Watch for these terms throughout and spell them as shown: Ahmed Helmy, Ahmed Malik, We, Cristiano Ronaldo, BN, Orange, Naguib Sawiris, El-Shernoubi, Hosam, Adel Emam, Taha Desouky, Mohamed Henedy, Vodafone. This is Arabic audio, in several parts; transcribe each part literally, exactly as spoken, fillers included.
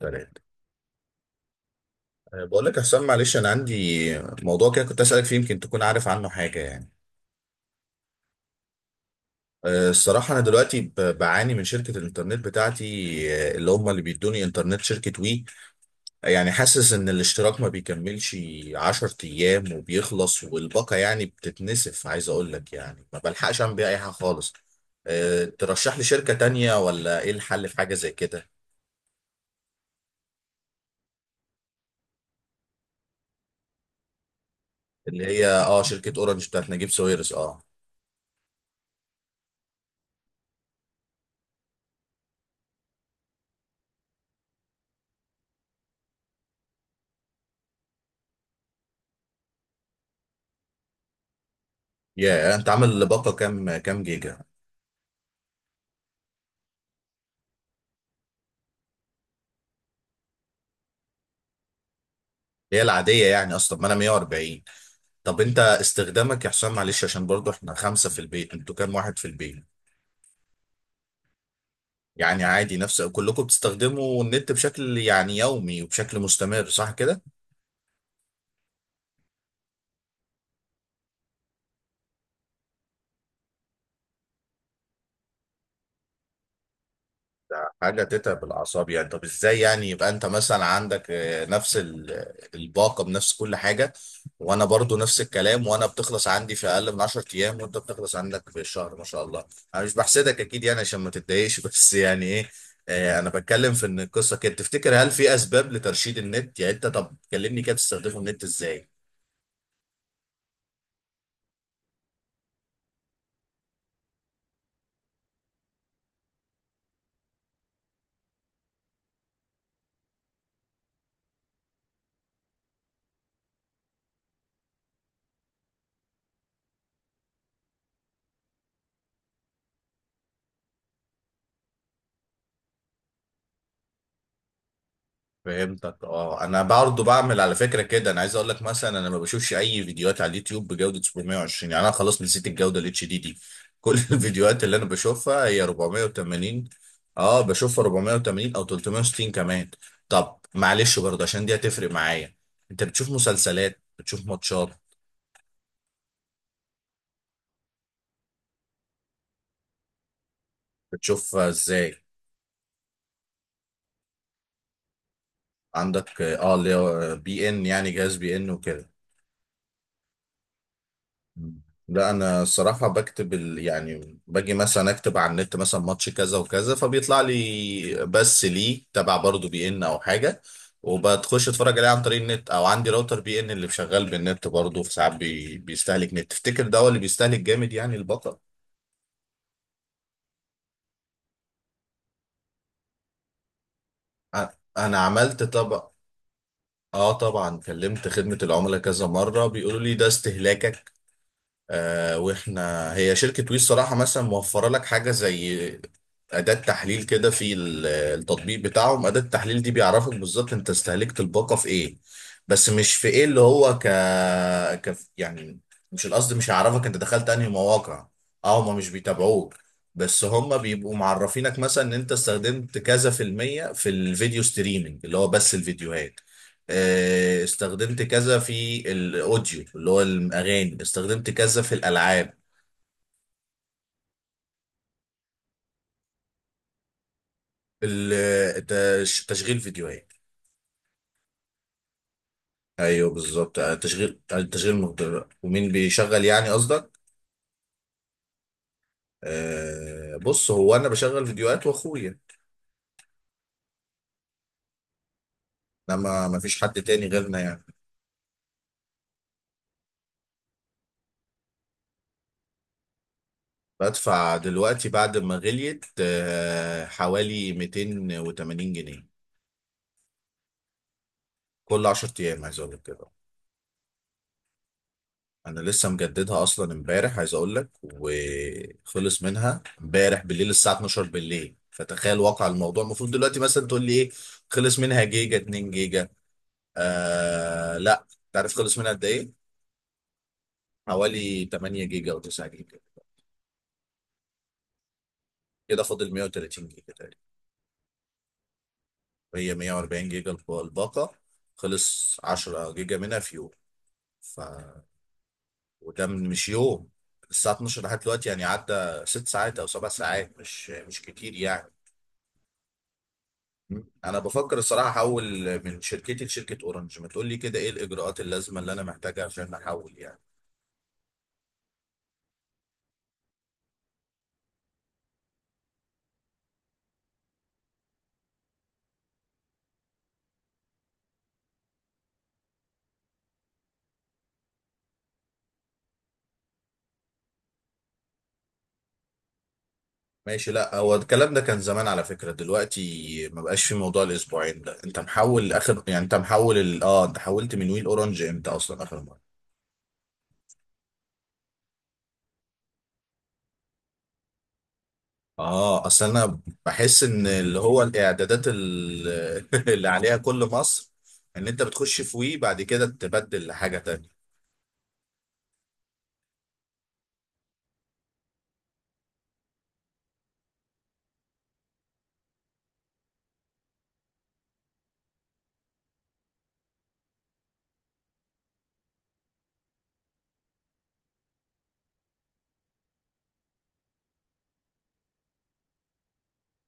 تلاتة. أه، بقول لك يا حسام، معلش، أنا عندي موضوع كده كنت أسألك فيه، يمكن تكون عارف عنه حاجة يعني. أه، الصراحة أنا دلوقتي ب- بعاني من شركة الإنترنت بتاعتي. أه، اللي هم اللي بيدوني إنترنت شركة وي. يعني حاسس إن الاشتراك ما بيكملش عشر أيام وبيخلص، والباقة يعني بتتنسف، عايز أقول لك يعني ما بلحقش أعمل بيها أي حاجة خالص. أه، ترشح لي شركة تانية ولا إيه الحل في حاجة زي كده؟ اللي هي أه شركة أورنج بتاعت نجيب ساويرس، أه. يا أنت عامل باقة كام كام جيجا؟ هي العادية يعني، أصلا ما أنا مية واربعين. طب أنت استخدامك يا حسام، معلش، عشان برضو إحنا خمسة في البيت، أنتوا كام واحد في البيت؟ يعني عادي نفس كلكم بتستخدموا النت بشكل يعني يومي وبشكل مستمر، صح كده؟ حاجه تتعب الاعصاب يعني. طب ازاي يعني يبقى انت مثلا عندك، آه، نفس ال- الباقه بنفس كل حاجه، وانا برضو نفس الكلام، وانا بتخلص عندي في اقل من عشر ايام، وانت بتخلص عندك في الشهر ما شاء الله. انا مش بحسدك اكيد يعني عشان ما تتضايقش بس يعني ايه. آه، انا بتكلم في ان القصه كده، تفتكر هل في اسباب لترشيد النت؟ يعني انت، طب كلمني كده، بتستخدمه النت ازاي؟ فهمتك. اه انا برضه بعمل على فكره كده، انا عايز اقول لك مثلا، انا ما بشوفش اي فيديوهات على اليوتيوب بجوده سبعمائة وعشرين. يعني انا خلاص نسيت الجوده الاتش دي دي. كل الفيديوهات اللي انا بشوفها هي أربعمائة وثمانين. اه بشوفها أربعمائة وثمانين او تلتميه وستين كمان. طب معلش برضه عشان دي هتفرق معايا، انت بتشوف مسلسلات، بتشوف ماتشات؟ بتشوف ازاي؟ عندك اه اللي هو بي ان، يعني جهاز بي ان وكده؟ لا انا الصراحه بكتب ال... يعني باجي مثلا اكتب على النت مثلا ماتش كذا وكذا فبيطلع لي، بس ليه تبع برضه بي ان او حاجه، وبتخش اتفرج عليه عن طريق النت. او عندي راوتر بي ان اللي شغال بالنت برضه، في ساعات بي... بيستهلك نت. تفتكر ده هو اللي بيستهلك جامد يعني البطل؟ أ- انا عملت طبعا. اه طبعا كلمت خدمه العملاء كذا مره، بيقولوا لي ده استهلاكك. آه، واحنا هي شركة وي الصراحة مثلا موفرة لك حاجة زي أداة تحليل كده في ال- التطبيق بتاعهم. أداة التحليل دي بيعرفك بالظبط أنت استهلكت الباقة في إيه، بس مش في إيه اللي هو ك... ك... يعني، مش القصد، مش هيعرفك أنت دخلت أنهي مواقع. أه هما مش بيتابعوك، بس هما بيبقوا معرفينك مثلا إن أنت استخدمت كذا في المية في الفيديو ستريمينج اللي هو بس الفيديوهات، آه، استخدمت كذا في الاوديو اللي هو الاغاني، استخدمت كذا في الالعاب. ال- تش- تشغيل فيديوهات. ايوه بالظبط، آه، تشغيل آه، تشغيل مهدر. ومين بيشغل يعني قصدك؟ آه، بص هو انا بشغل فيديوهات واخويا، لما ما فيش حد تاني غيرنا يعني. بدفع دلوقتي بعد ما غليت آه، حوالي ميتين وتمانين جنيه. كل عشر ايام عايز اقول لك كده. انا لسه مجددها اصلا امبارح عايز اقول لك، وخلص منها امبارح بالليل الساعه الثانية عشرة بالليل، فتخيل واقع الموضوع، المفروض دلوقتي مثلا تقول لي ايه خلص منها، جيجا اتنين جيجا؟ آه لا. انت عارف خلص منها قد ايه؟ حوالي تمانية جيجا او تسعة جيجا. كده فاضل مئة وثلاثين جيجا تقريبا. هي مية واربعين جيجا الب- الباقه. خلص عشر جيجا منها في يوم. ف وده من- مش يوم، الساعه الثانية عشرة لحد دلوقتي يعني عدى ست ساعات او سبع ساعات، مش مش كتير يعني. انا بفكر الصراحه احول من شركتي لشركه اورنج. ما تقول لي كده ايه الاجراءات اللازمه اللي انا محتاجها عشان احول يعني؟ ماشي. لا هو الكلام ده كان زمان على فكره، دلوقتي ما بقاش في موضوع الاسبوعين ده. انت محول اخر، يعني انت محول ال... اه انت حولت من ويل اورنج امتى اصلا اخر مره؟ اه اصل انا بحس ان اللي هو الاعدادات ال- اللي عليها كل مصر، ان انت بتخش في وي بعد كده تبدل لحاجه تانية.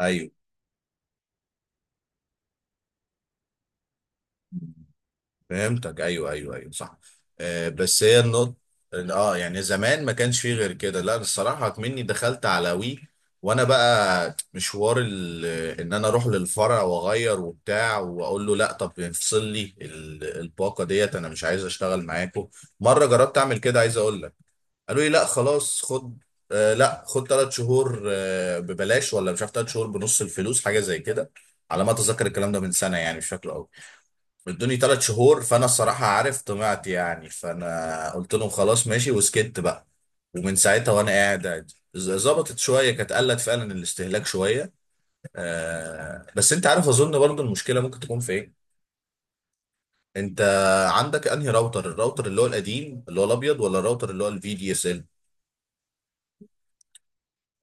ايوه فهمتك، ايوه ايوه ايوه صح. آه بس هي النقطة. اه يعني زمان ما كانش فيه غير كده. لا الصراحة مني دخلت على وي وانا بقى مشوار ال- ان انا اروح للفرع واغير وبتاع واقول له لا، طب افصل لي ال- الباقة ديت، انا مش عايز اشتغل معاكم. مرة جربت اعمل كده عايز اقول لك، قالوا لي لا خلاص خد، آه لا خد ثلاث شهور آه ببلاش، ولا مش عارف، ثلاث شهور بنص الفلوس حاجة زي كده على ما اتذكر. الكلام ده من سنة يعني، مش فاكره قوي. ادوني ثلاث شهور، فانا الصراحه عارف طمعت يعني، فانا قلت لهم خلاص ماشي وسكت بقى. ومن ساعتها وانا قاعد عادي. ز- ظبطت شويه، كانت قلت فعلا الاستهلاك شويه. آه بس انت عارف اظن برضو المشكله ممكن تكون في ايه؟ انت عندك انهي راوتر، الراوتر اللي هو القديم اللي هو الابيض، ولا الراوتر اللي هو الفي دي اس؟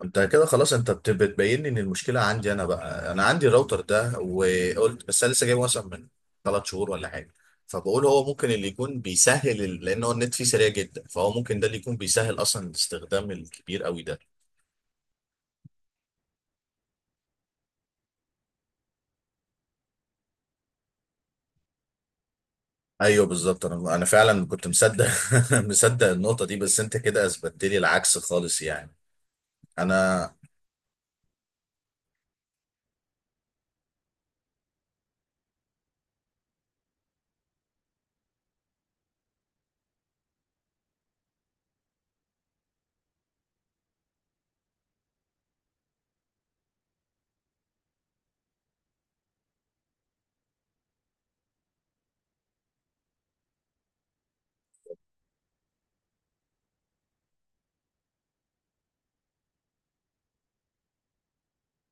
انت كده خلاص، انت بت- بتبين لي ان المشكله عندي انا بقى. انا عندي الراوتر ده، وقلت بس انا لسه جايبه مثلا من ثلاث شهور ولا حاجه. فبقول هو ممكن اللي يكون بيسهل ال- لان هو النت فيه سريع جدا، فهو ممكن ده اللي يكون بيسهل اصلا الاستخدام الكبير قوي ده. ايوه بالظبط، انا انا فعلا كنت مصدق مصدق النقطه دي، بس انت كده اثبتت لي العكس خالص يعني. انا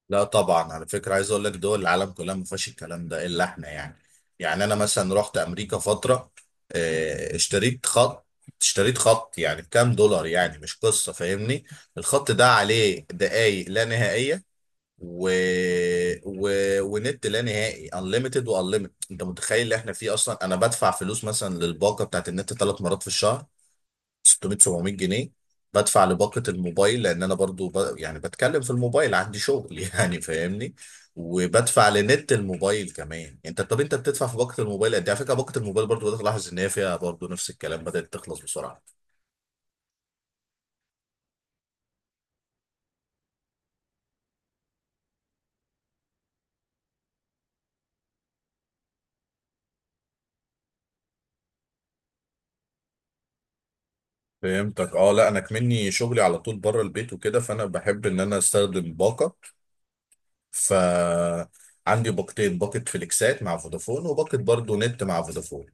لا طبعا على فكرة، عايز اقول لك دول العالم كلها ما فيهاش الكلام ده الا احنا يعني. يعني انا مثلا رحت امريكا فترة، آه، اشتريت خط. اشتريت خط يعني بكام دولار، يعني مش قصة، فاهمني؟ الخط ده عليه دقايق لا نهائية، و... و... ونت لا نهائي، unlimited و unlimited. انت متخيل اللي احنا فيه؟ اصلا انا بدفع فلوس مثلا للباقة بتاعت النت ثلاث مرات في الشهر، ستمائة سبعمائة جنيه. بدفع لباقة الموبايل لان انا برضو ب... يعني بتكلم في الموبايل، عندي شغل يعني فاهمني، وبدفع لنت الموبايل كمان. انت طب انت بتدفع في باقة الموبايل قد ايه؟ على فكرة باقة الموبايل برضو بدأت الاحظ ان هي فيها برضو نفس الكلام، بدأت تخلص بسرعة. فهمتك. اه لا انا كمني شغلي على طول بره البيت وكده، فانا بحب ان انا استخدم باقة. ف عندي باقتين، باقة فليكسات مع فودافون وباقة برضو نت مع فودافون.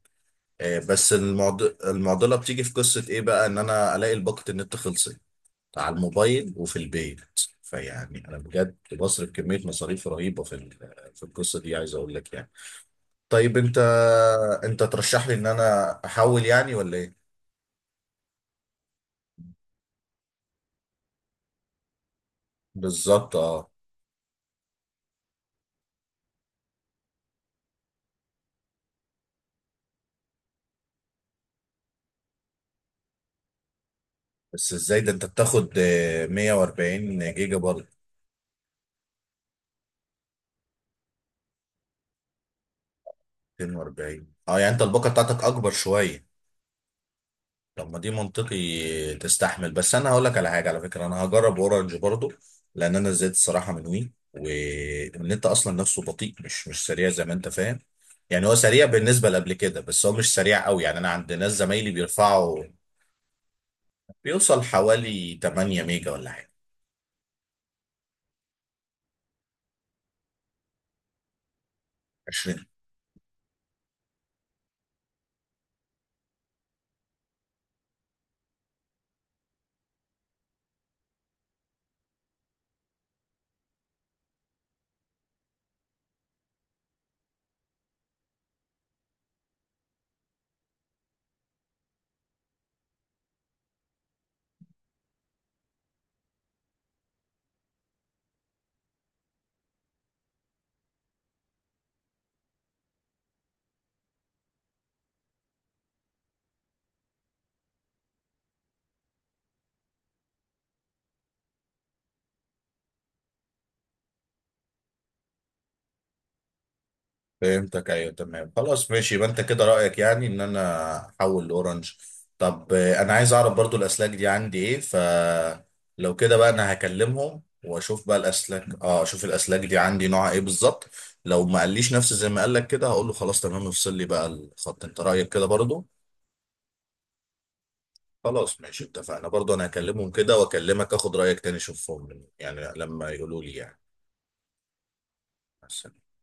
آه، بس المعض... المعضله بتيجي في قصه ايه بقى، ان انا الاقي الباقه النت خلصت على الموبايل وفي البيت. فيعني انا بجد بصرف كميه مصاريف رهيبه في ال- في القصه دي عايز اقول لك يعني. طيب انت انت ترشح لي ان انا احول يعني، ولا ايه؟ بالظبط اه. بس ازاي ده انت بتاخد آه، مية واربعين جيجا برضه؟ ميتين واربعين، اه يعني انت الباقه بتاعتك اكبر شويه. طب ما دي منطقي تستحمل. بس انا هقول لك على حاجه على فكره، انا هجرب اورنج برضو، لان انا زهقت الصراحه من وي، والنت اصلا نفسه بطيء، مش مش سريع زي ما انت فاهم. يعني هو سريع بالنسبه لقبل كده، بس هو مش سريع قوي يعني. انا عند ناس زمايلي بيرفعوا، بيوصل حوالي تمانية ميجا ولا حاجه. عشرون. فهمتك ايوه تمام خلاص ماشي، يبقى انت كده رايك يعني ان انا احول لاورنج. طب آه، انا عايز اعرف برضو الاسلاك دي عندي ايه، فلو كده بقى انا هكلمهم واشوف بقى الاسلاك، اه اشوف الاسلاك دي عندي نوعها ايه بالظبط. لو ما قاليش نفس زي ما قال لك كده، هقول له خلاص تمام افصل لي بقى الخط. انت رايك كده برضو؟ خلاص ماشي اتفقنا، برضو انا هكلمهم كده واكلمك اخد رايك تاني، اشوفهم يعني لما يقولوا لي يعني. بس.